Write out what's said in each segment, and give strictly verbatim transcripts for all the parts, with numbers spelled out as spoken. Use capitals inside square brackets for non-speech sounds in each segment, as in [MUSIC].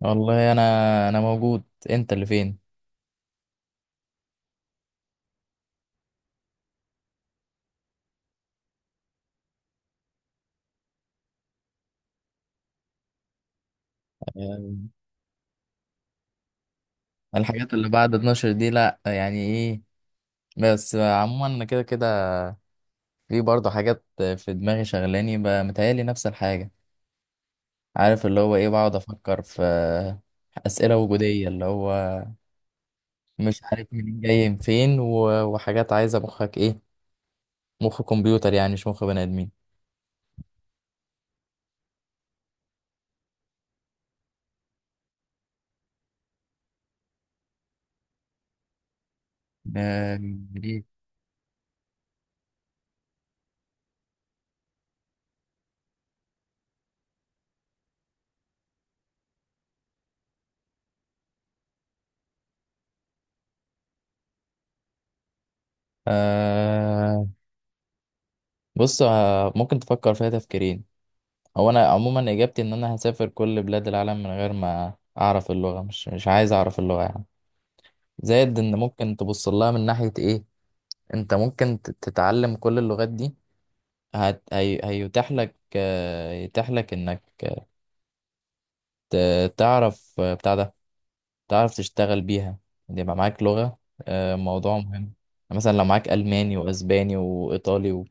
والله انا انا موجود. انت اللي فين؟ أم، الحاجات اللي بعد اتناشر دي، لا، يعني ايه. بس عموما انا كده كده. في برضه حاجات في دماغي شغلاني ب- متهيألي نفس الحاجة. عارف اللي هو ايه، بقعد افكر في أسئلة وجودية، اللي هو مش عارف منين جاي من فين، و- وحاجات عايزة مخك ايه، مخ كمبيوتر يعني، مش مخ بني آدمين. أم، ليه؟ آه، بص، آه، ممكن تفكر فيها تفكيرين. هو انا عموما اجابتي ان انا هسافر كل بلاد العالم من غير ما اعرف اللغه. مش مش عايز اعرف اللغه يعني. زائد ان ممكن تبص لها من ناحيه ايه، انت ممكن ت- تتعلم كل اللغات دي. هت... هي... هيتاح لك آه، يتاح لك انك ت- تعرف، آه، بتاع ده، تعرف تشتغل بيها، يبقى معاك لغه. آه، موضوع مهم. يعني مثلا لو معاك الماني واسباني وايطالي و...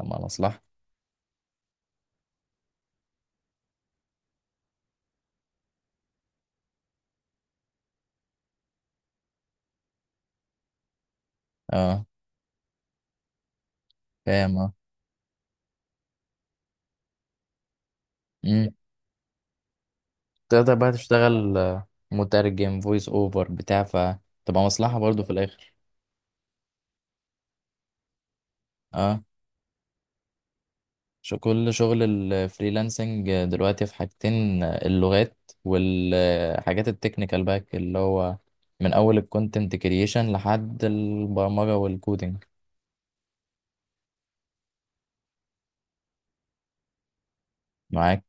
أما مصلحه. اه، فاهم، اه. تقدر بقى تشتغل آه، مترجم فويس اوفر بتاع، فتبقى مصلحة برضو في الآخر. اه. شو كل شغل الفريلانسنج دلوقتي في حاجتين، آه، اللغات والحاجات التكنيكال باك، اللي هو من أول الكونتنت كرييشن لحد البرمجة والكودينج. معاك.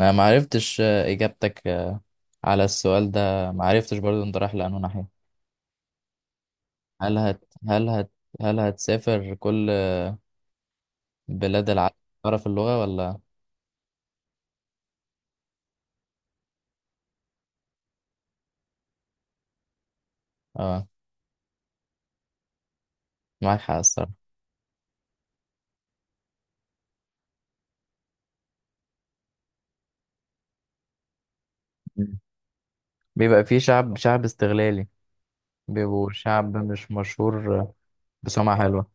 أنا معرفتش آه، إجابتك آه، على السؤال ده، معرفتش برضو أنت رايح لأنه ناحية. هل هت هل هت هل هتسافر كل بلاد العالم، تعرف اللغة ولا؟ اه، معاك حق الصراحة. بيبقى فيه شعب شعب استغلالي، بيبقوا شعب مش مشهور بسمعة حلوة،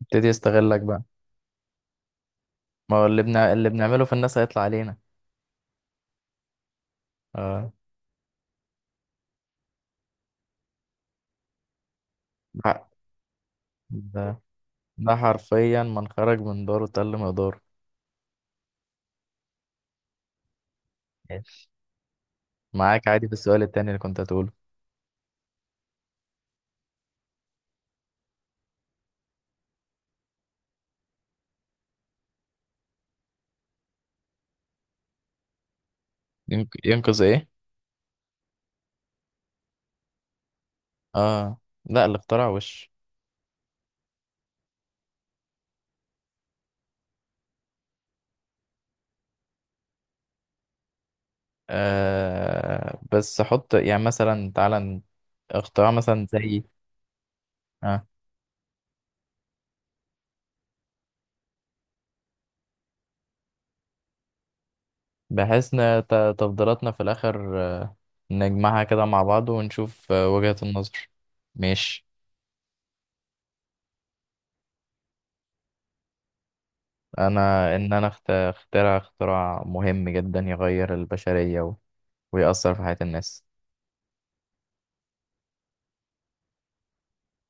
يبتدي يستغلك بقى. ما هو اللي بنا... اللي بنعمله في الناس هيطلع علينا. اه، حق. ده ده حرفيا، من خرج من داره تل مقداره. ماشي، معاك عادي في السؤال التاني اللي كنت هتقوله. ينق... ينقذ ايه؟ اه لا، اللي اخترع وش. آه، بس حط يعني مثلا تعالى ن- اختراع مثلا زي... آه. بحيث ان ت- تفضيلاتنا في الاخر، آه، نجمعها كده مع بعض ونشوف آه، وجهة النظر. ماشي. انا ان انا اخت- اخترع اختراع مهم جدا يغير البشرية و- ويأثر في حياة الناس.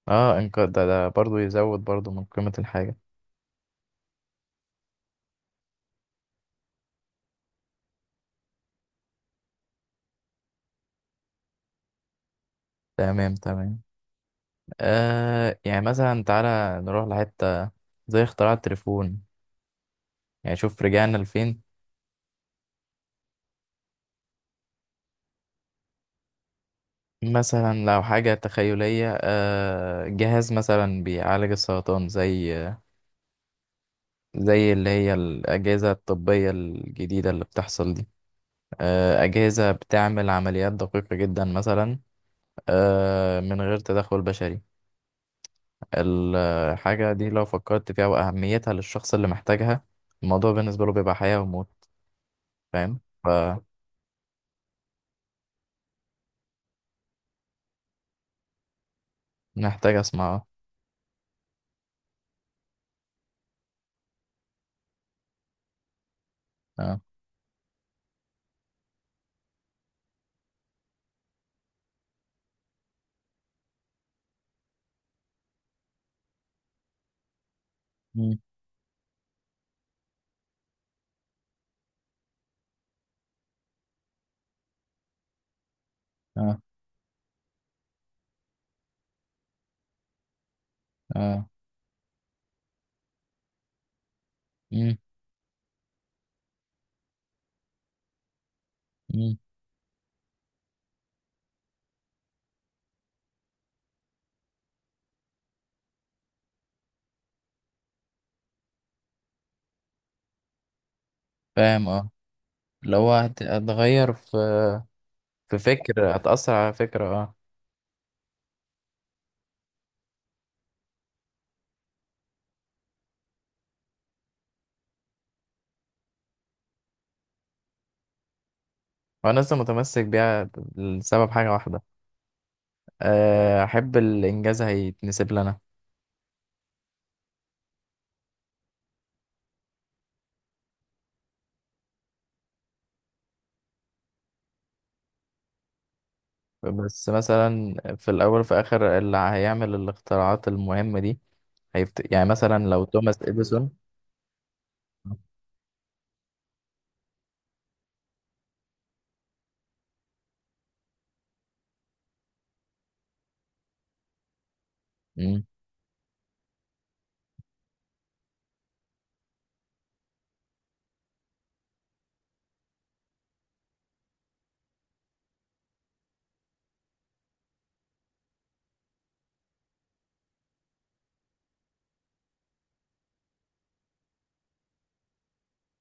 اه. إنك- ده, ده برضو يزود برضو من قيمة الحاجة. تمام، تمام. آه، يعني مثلا تعالى نروح لحتة زي اختراع التليفون، يعني شوف رجعنا لفين. مثلا لو حاجة تخيلية، آه جهاز مثلا بيعالج السرطان، زي زي اللي هي الأجهزة الطبية الجديدة اللي بتحصل دي. آه، أجهزة بتعمل عمليات دقيقة جدا مثلا، آه، من غير تدخل بشري. الحاجة دي، لو فكرت فيها وأهميتها للشخص اللي محتاجها، الموضوع بالنسبة له بيبقى حياة وموت. فاهم، فمحتاج أسمع. اه. مم. اه. اه. مم. مم. فاهم، اه. لو هت- هتغير في في فكر، هتأثر على فكرة. اه. وأنا لسه متمسك بيها لسبب حاجة واحدة. آه، أحب الإنجاز هيتنسب لنا. بس مثلا في الأول وفي الآخر، اللي هيعمل الاختراعات المهمة دي هيفت... يعني مثلا لو توماس إديسون. مم.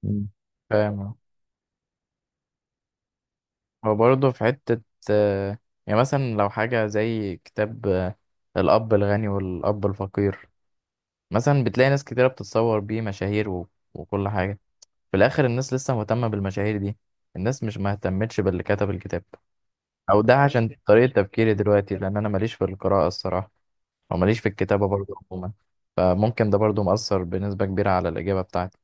مم. فاهم. وبرضه في حتة، آه، يعني مثلا لو حاجة زي كتاب آه، الأب الغني والأب الفقير، مثلا بتلاقي ناس كتيرة بتتصور بيه مشاهير و... وكل حاجة. في الآخر الناس لسه مهتمة بالمشاهير دي، الناس مش مهتمتش باللي كتب الكتاب. او ده عشان طريقة تفكيري دلوقتي، لان انا ماليش في القراءة الصراحة، او ماليش في الكتابة برضو عموما. فممكن ده برضو مؤثر بنسبة كبيرة على الإجابة بتاعتي.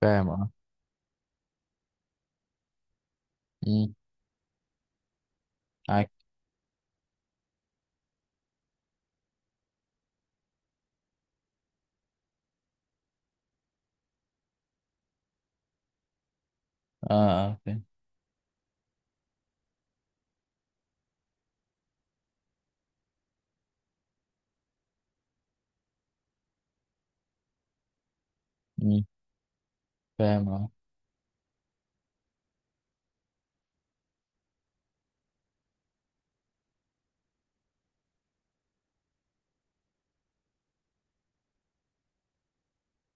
فاهم، اه. امم. معاك، اه، اه. فاهم. امم. فاهم، اه.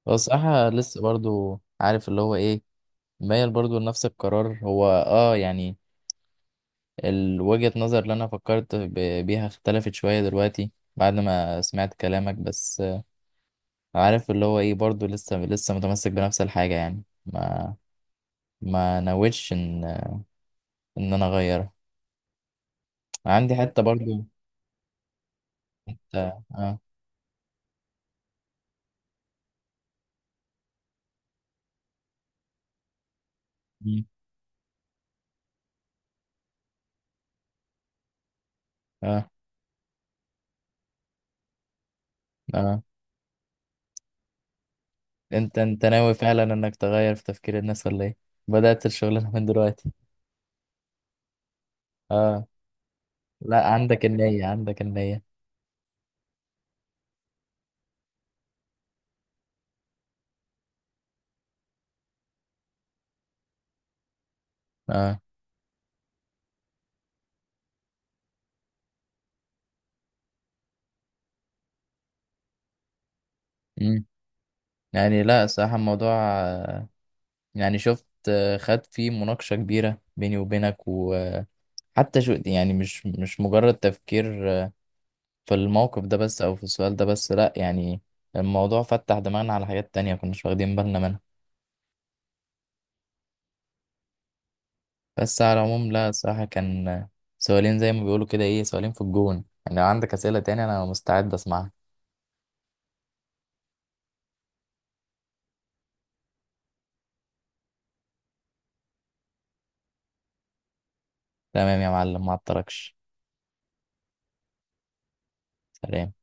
بس صراحة لسه برضو عارف اللي هو ايه، مايل برضو لنفس القرار. هو اه يعني، ال- وجهة نظر اللي انا فكرت ب- بيها اختلفت شوية دلوقتي بعد ما سمعت كلامك. بس آه، عارف اللي هو ايه، برضو لسه لسه متمسك بنفس الحاجة يعني، ما ما نويتش ان انا اغيرها. عندي حتة برضو. اه. اه. مم. اه. اه. انت انت ناوي فعلا انك تغير في تفكير الناس ولا ايه؟ بدأت الشغلانة [LAUGHS] من دلوقتي؟ اه لا، عندك النية، عندك النية. اه. مم. يعني لا، صراحة الموضوع، آه، يعني شفت آه، خد فيه مناقشة كبيرة بيني وبينك وحتى، شو يعني، مش مش مجرد تفكير آه، في الموقف ده بس او في السؤال ده بس، لا يعني الموضوع فتح دماغنا على حاجات تانية كناش واخدين بالنا منها. بس على العموم لا، الصراحة كان سؤالين زي ما بيقولوا كده ايه، سؤالين في الجون. يعني لو عندك أسئلة تاني أنا مستعد أسمعها. تمام يا معلم، ما أعطلكش. سلام.